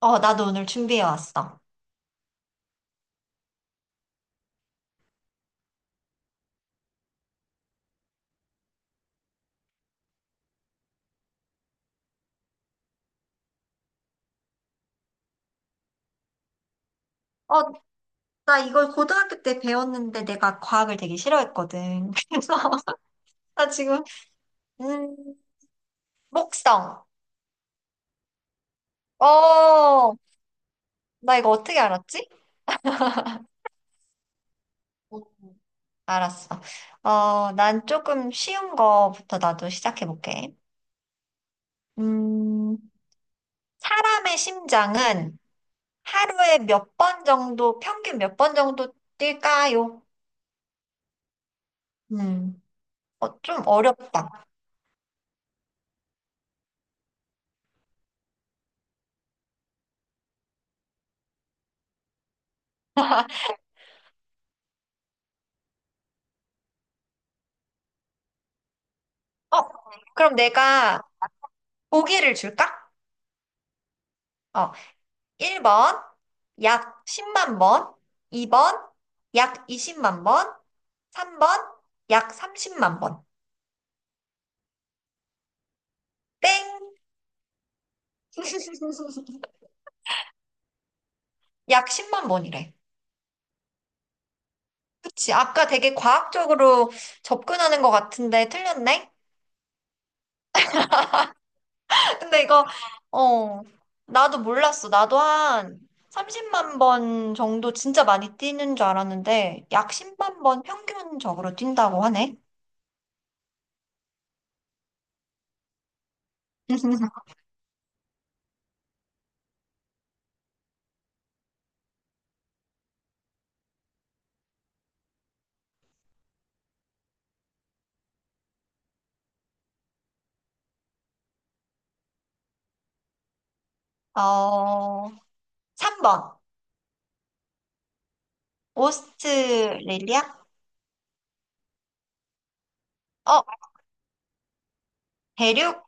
어, 나도 오늘 준비해 왔어. 어, 나 이걸 고등학교 때 배웠는데 내가 과학을 되게 싫어했거든. 그래서 나 지금, 음, 목성. 어, 나 이거 어떻게 알았지? 어, 알았어. 난 조금 쉬운 거부터 나도 시작해 볼게. 음, 사람의 심장은 하루에 몇 번 정도, 평균 몇 번 정도 뛸까요? 음, 좀 어렵다. 어, 그럼 내가 보기를 줄까? 어. 1번, 약 10만 번, 2번, 약 20만 번, 3번, 약 30만 번. 땡! 약 10만 번이래. 그치. 아까 되게 과학적으로 접근하는 것 같은데 틀렸네? 근데 이거, 어, 나도 몰랐어. 나도 한 30만 번 정도 진짜 많이 뛰는 줄 알았는데, 약 10만 번 평균적으로 뛴다고 하네. 어, 3번. 오스트레일리아? 어, 대륙?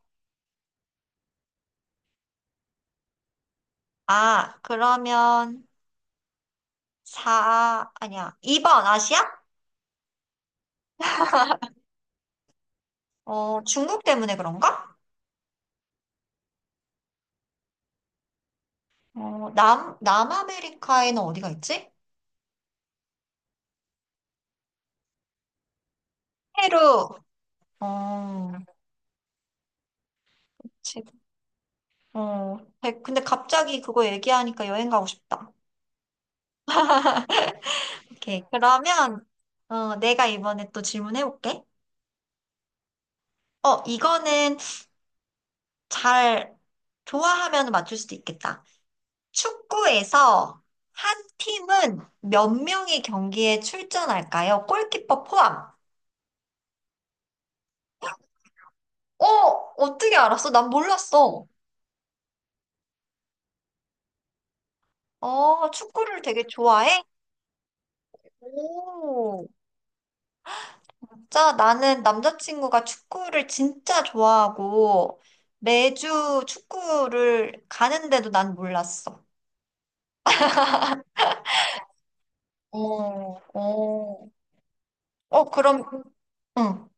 아, 그러면 4, 아니야. 2번 아시아? 중국 때문에 그런가? 남아메리카에는 어디가 있지? 페루. 어, 지금, 근데 갑자기 그거 얘기하니까 여행 가고 싶다. 오케이. 그러면, 내가 이번에 또 질문해볼게. 이거는 잘 좋아하면 맞출 수도 있겠다. 축구에서 한 팀은 몇 명이 경기에 출전할까요? 골키퍼 포함. 어, 어떻게 알았어? 난 몰랐어. 축구를 되게 좋아해? 오, 진짜 나는 남자친구가 축구를 진짜 좋아하고 매주 축구를 가는데도 난 몰랐어. 어, 어. 어, 그럼, 응,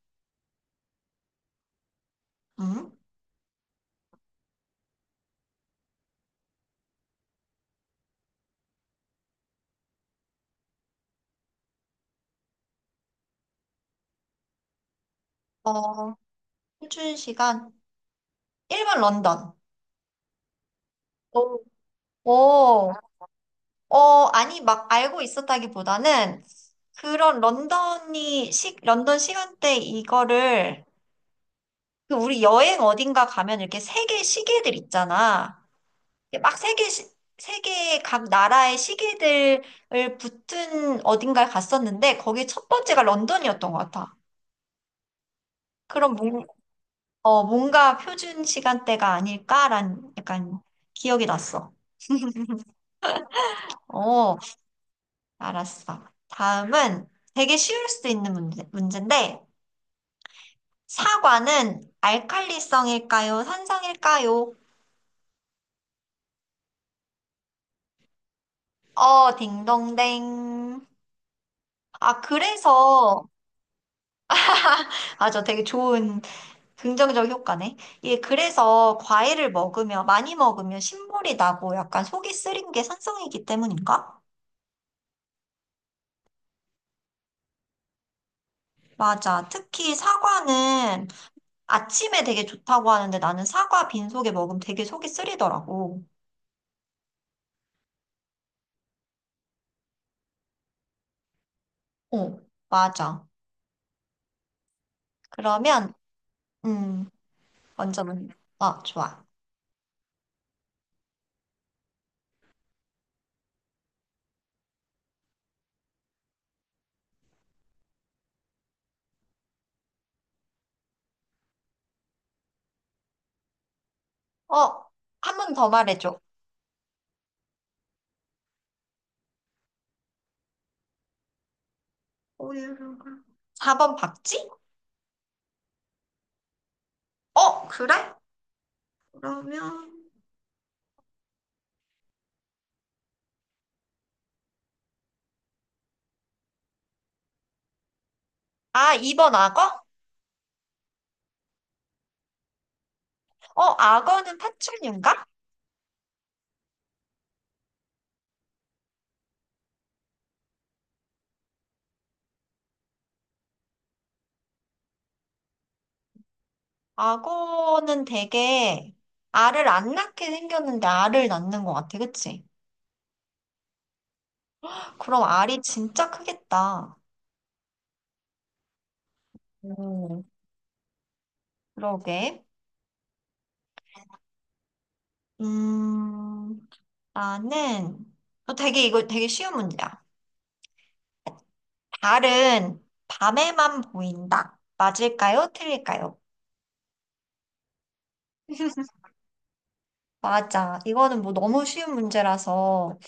응? 어, 표준 시간 1번 런던. 오, 오, 아니, 막 알고 있었다기보다는 그런 런던 시간대 이거를 그 우리 여행 어딘가 가면 이렇게 세계 시계들 있잖아. 이게 막 세계 각 나라의 시계들을 붙은 어딘가에 갔었는데 거기 첫 번째가 런던이었던 것 같아. 그럼 뭔가 표준 시간대가 아닐까란 약간 기억이 났어. 어, 알았어. 다음은 되게 쉬울 수 있는 문제인데 사과는 알칼리성일까요? 산성일까요? 딩동댕. 아, 그래서, 아, 저 되게 좋은 긍정적 효과네. 예, 그래서 과일을 먹으면, 많이 먹으면 신물이 나고 약간 속이 쓰린 게 산성이기 때문인가? 맞아. 특히 사과는 아침에 되게 좋다고 하는데 나는 사과 빈속에 먹으면 되게 속이 쓰리더라고. 어, 맞아. 그러면, 음, 먼저, 좋아. 어, 한 번 더 말해줘. 오유류가 4번 박쥐? 어, 그래? 그러면 아, 2번 악어? 악어는 파충류인가? 악어는 되게 알을 안 낳게 생겼는데 알을 낳는 것 같아, 그치? 그럼 알이 진짜 크겠다. 오, 그러게. 음, 나는 되게 이거 되게 쉬운 문제야. 달은 밤에만 보인다. 맞을까요? 틀릴까요? 맞아. 이거는 뭐 너무 쉬운 문제라서.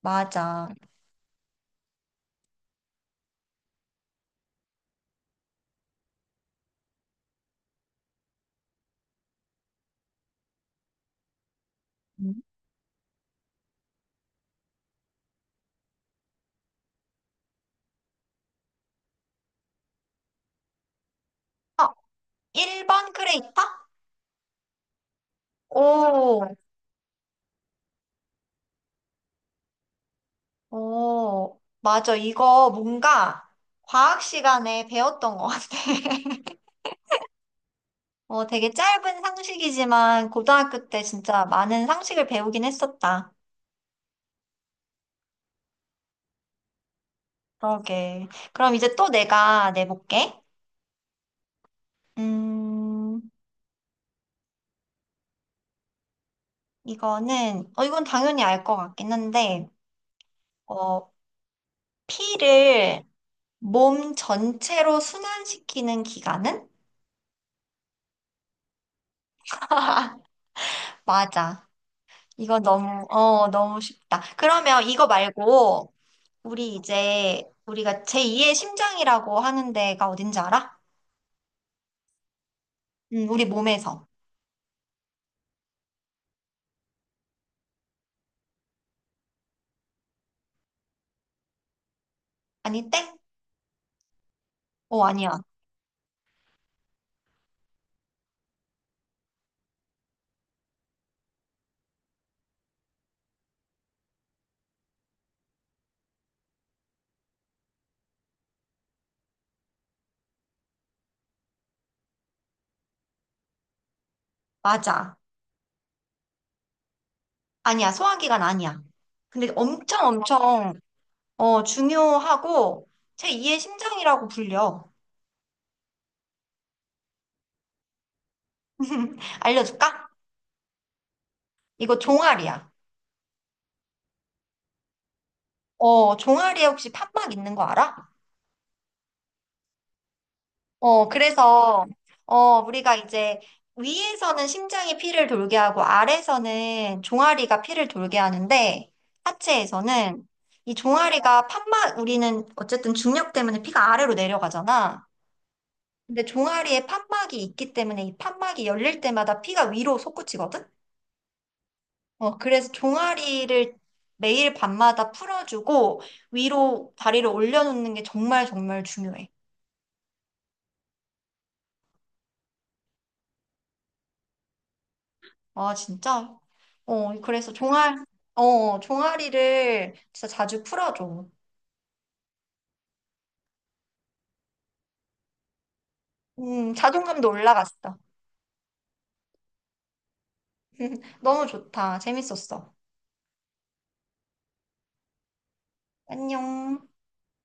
맞아. 음. 아, 1번 크레이터? 오, 오. 맞아. 이거 뭔가 과학 시간에 배웠던 것 같아. 되게 짧은 상식이지만 고등학교 때 진짜 많은 상식을 배우긴 했었다. 그러게. 그럼 이제 또 내가 내볼게. 음, 이건 당연히 알 것 같긴 한데, 어, 피를 몸 전체로 순환시키는 기관은? 맞아. 이건 너무 쉽다. 그러면 이거 말고, 우리가 제2의 심장이라고 하는 데가 어딘지 알아? 우리 몸에서. 아니, 땡? 어, 아니야. 맞아. 아니야. 소화기관 아니야. 근데 엄청 엄청, 중요하고, 제2의 심장이라고 불려. 알려줄까? 이거 종아리야. 종아리에 혹시 판막 있는 거 알아? 그래서, 어, 우리가 이제 위에서는 심장이 피를 돌게 하고 아래에서는 종아리가 피를 돌게 하는데 하체에서는 이 종아리가 판막, 우리는 어쨌든 중력 때문에 피가 아래로 내려가잖아. 근데 종아리에 판막이 있기 때문에 이 판막이 열릴 때마다 피가 위로 솟구치거든? 그래서 종아리를 매일 밤마다 풀어주고 위로 다리를 올려놓는 게 정말 정말 중요해. 아, 진짜? 그래서 종아리를 진짜 자주 풀어줘. 자존감도 올라갔어. 너무 좋다. 재밌었어. 안녕.